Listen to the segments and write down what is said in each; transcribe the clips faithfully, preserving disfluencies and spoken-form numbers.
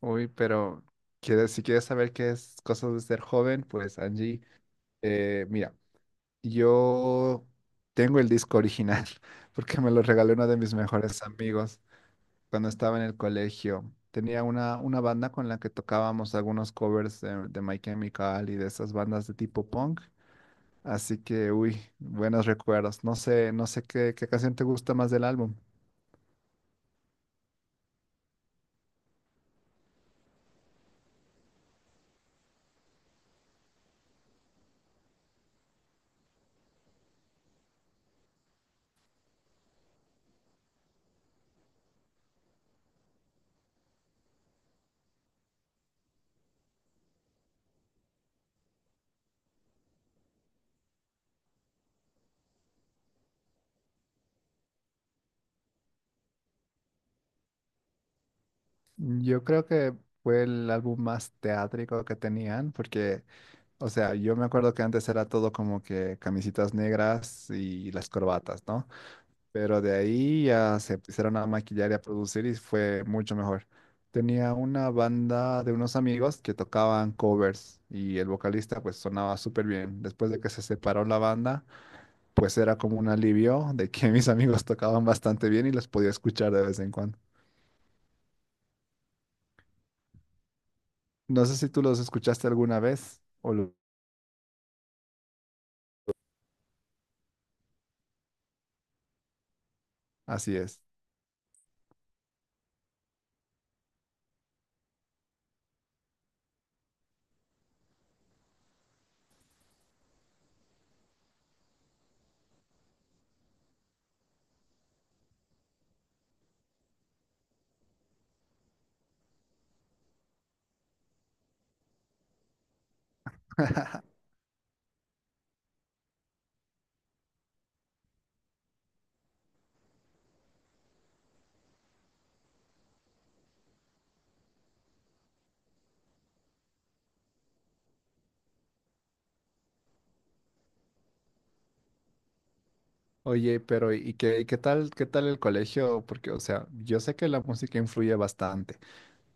Uy, pero quieres- si quieres saber qué es cosas de ser joven, pues Angie, eh, mira, yo tengo el disco original porque me lo regaló uno de mis mejores amigos cuando estaba en el colegio. Tenía una, una banda con la que tocábamos algunos covers de, de My Chemical y de esas bandas de tipo punk. Así que, uy, buenos recuerdos. No sé, no sé qué, qué canción te gusta más del álbum. Yo creo que fue el álbum más teátrico que tenían porque... O sea, yo me acuerdo que antes era todo como que camisitas negras y las corbatas, ¿no? Pero de ahí ya se empezaron a maquillar y a producir y fue mucho mejor. Tenía una banda de unos amigos que tocaban covers y el vocalista pues sonaba súper bien. Después de que se separó la banda, pues era como un alivio de que mis amigos tocaban bastante bien y los podía escuchar de vez en cuando. No sé si tú los escuchaste alguna vez o lo- así es. Oye, pero ¿y qué, qué tal, qué tal el colegio? Porque, o sea, yo sé que la música influye bastante.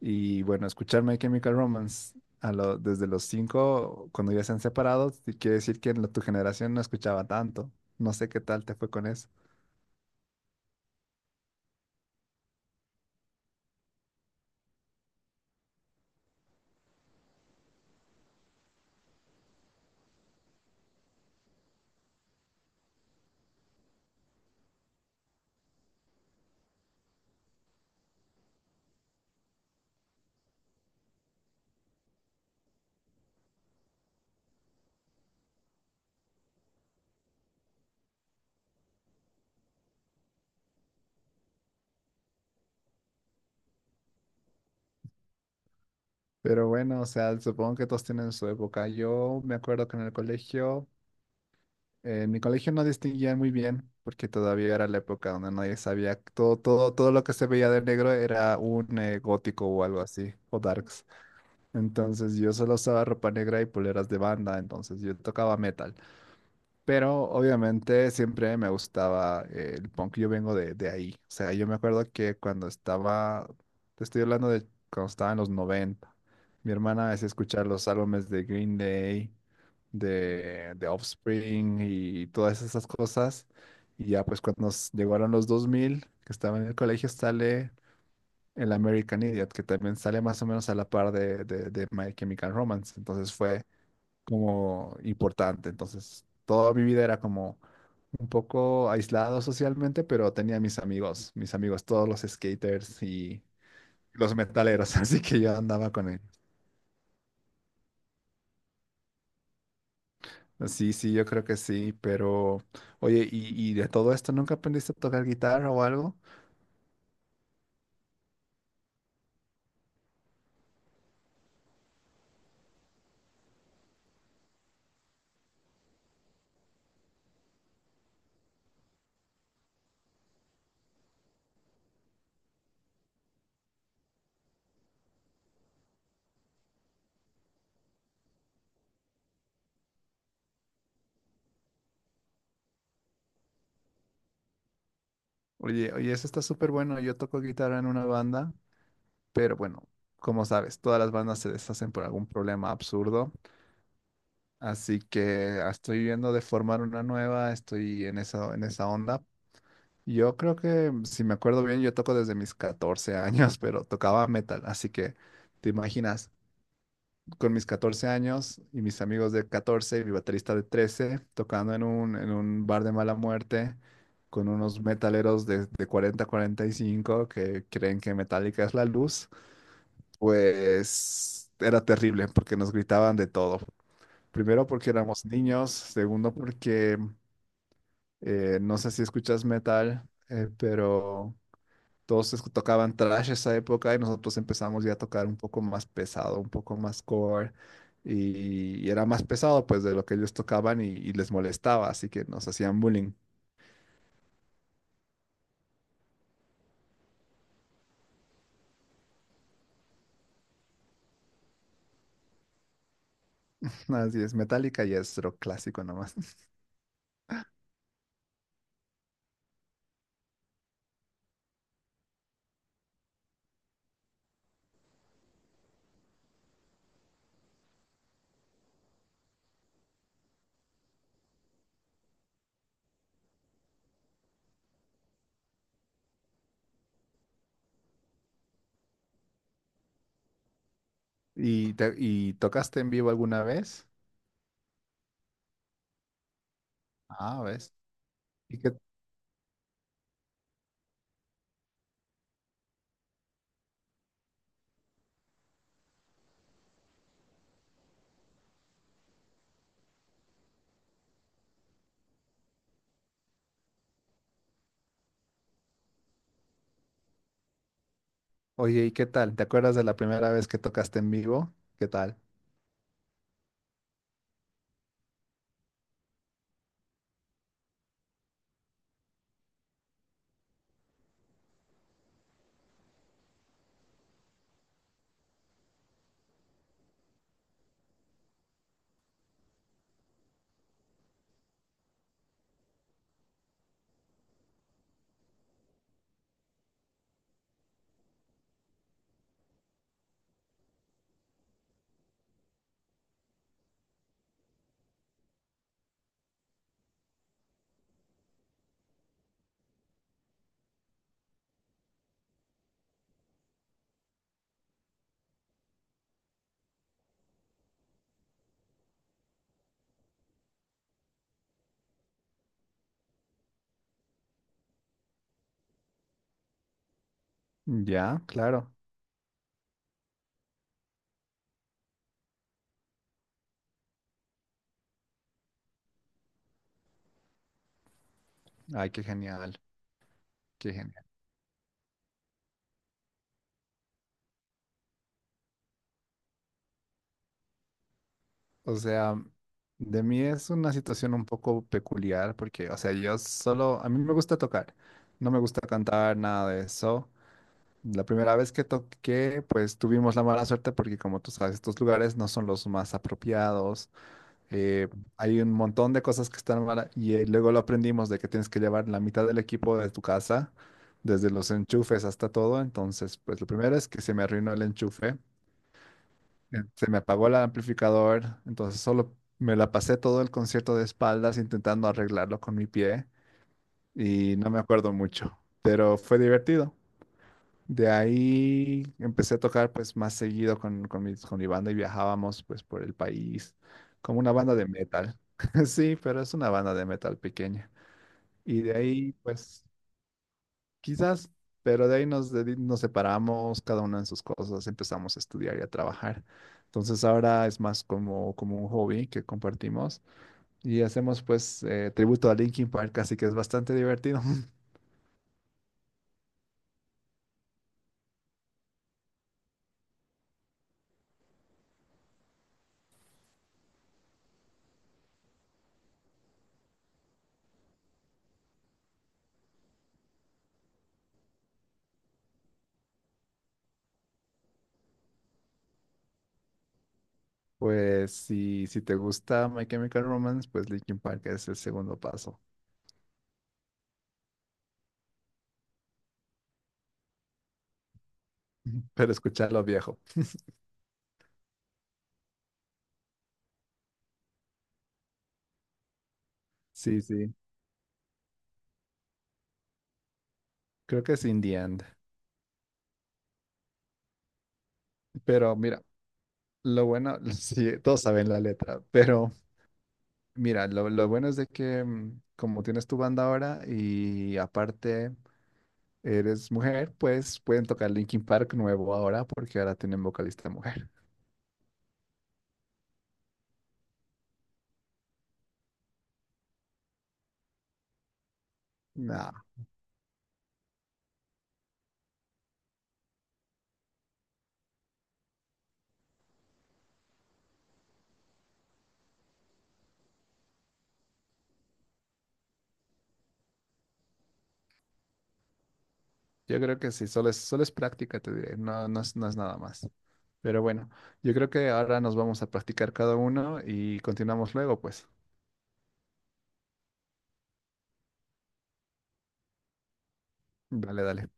Y bueno, escuchar My Chemical Romance a lo- desde los cinco, cuando ya se han separado, sí quiere decir que en la- tu generación no escuchaba tanto. No sé qué tal te fue con eso. Pero bueno, o sea, supongo que todos tienen su época. Yo me acuerdo que en el colegio, eh, en mi colegio no distinguían muy bien, porque todavía era la época donde nadie sabía, todo, todo, todo lo que se veía de negro era un eh, gótico o algo así, o darks. Entonces yo solo usaba ropa negra y poleras de banda, entonces yo tocaba metal. Pero obviamente siempre me gustaba eh, el punk, yo vengo de, de ahí. O sea, yo me acuerdo que cuando estaba, te estoy hablando de cuando estaba en los noventa, mi hermana me hacía escuchar los álbumes de Green Day, de, de Offspring y todas esas cosas. Y ya pues cuando nos llegaron los dos mil, que estaba en el colegio, sale el American Idiot, que también sale más o menos a la par de, de, de My Chemical Romance. Entonces fue como importante. Entonces toda mi vida era como un poco aislado socialmente, pero tenía mis amigos, mis amigos, todos los skaters y los metaleros, así que yo andaba con ellos. Sí, sí, yo creo que sí, pero oye, ¿y, y de todo esto nunca aprendiste a tocar guitarra o algo? Oye, oye, eso está súper bueno. Yo toco guitarra en una banda. Pero bueno, como sabes, todas las bandas se deshacen por algún problema absurdo. Así que ah, estoy viendo de formar una nueva, estoy en esa, en esa onda. Yo creo que, si me acuerdo bien, yo toco desde mis catorce años, pero tocaba metal. Así que, te imaginas, con mis catorce años y mis amigos de catorce y mi baterista de trece, tocando en un, en un bar de mala muerte, con unos metaleros de, de cuarenta a cuarenta y cinco que creen que Metallica es la luz. Pues era terrible porque nos gritaban de todo. Primero porque éramos niños, segundo porque eh, no sé si escuchas metal, eh, pero todos escu- tocaban thrash esa época y nosotros empezamos ya a tocar un poco más pesado, un poco más core y, y era más pesado pues de lo que ellos tocaban y, y les molestaba, así que nos hacían bullying. Así es, Metallica y es rock clásico nomás. ¿Y, te- y tocaste en vivo alguna vez? Ah, ¿ves? ¿Y qué, Oye, ¿y qué tal? ¿Te acuerdas de la primera vez que tocaste en vivo? ¿Qué tal? Ya, claro. Ay, qué genial, qué genial. O sea, de mí es una situación un poco peculiar porque, o sea, yo solo, a mí me gusta tocar, no me gusta cantar, nada de eso. La primera vez que toqué, pues tuvimos la mala suerte porque, como tú sabes, estos lugares no son los más apropiados. Eh, hay un montón de cosas que están mal y eh, luego lo aprendimos de que tienes que llevar la mitad del equipo de tu casa, desde los enchufes hasta todo. Entonces, pues lo primero es que se me arruinó el enchufe, eh, se me apagó el amplificador, entonces solo me la pasé todo el concierto de espaldas intentando arreglarlo con mi pie y no me acuerdo mucho, pero fue divertido. De ahí empecé a tocar pues más seguido con, con, mis- con mi banda y viajábamos pues por el país como una banda de metal. Sí, pero es una banda de metal pequeña. Y de ahí pues quizás, pero de ahí nos, dedi- nos separamos, cada uno en sus cosas, empezamos a estudiar y a trabajar. Entonces ahora es más como, como un hobby que compartimos y hacemos pues eh, tributo a Linkin Park, así que es bastante divertido. Pues si, si te gusta My Chemical Romance, pues Linkin Park es el segundo paso. Pero escucharlo viejo. Sí, sí. Creo que es In the End. Pero mira, lo bueno, sí, todos saben la letra, pero mira, lo, lo bueno es de que mm, como tienes tu banda ahora y aparte eres mujer, pues pueden tocar Linkin Park nuevo ahora porque ahora tienen vocalista mujer. No, yo creo que sí, solo es, solo es práctica, te diré. No, no es, no es nada más. Pero bueno, yo creo que ahora nos vamos a practicar cada uno y continuamos luego, pues. Dale, dale.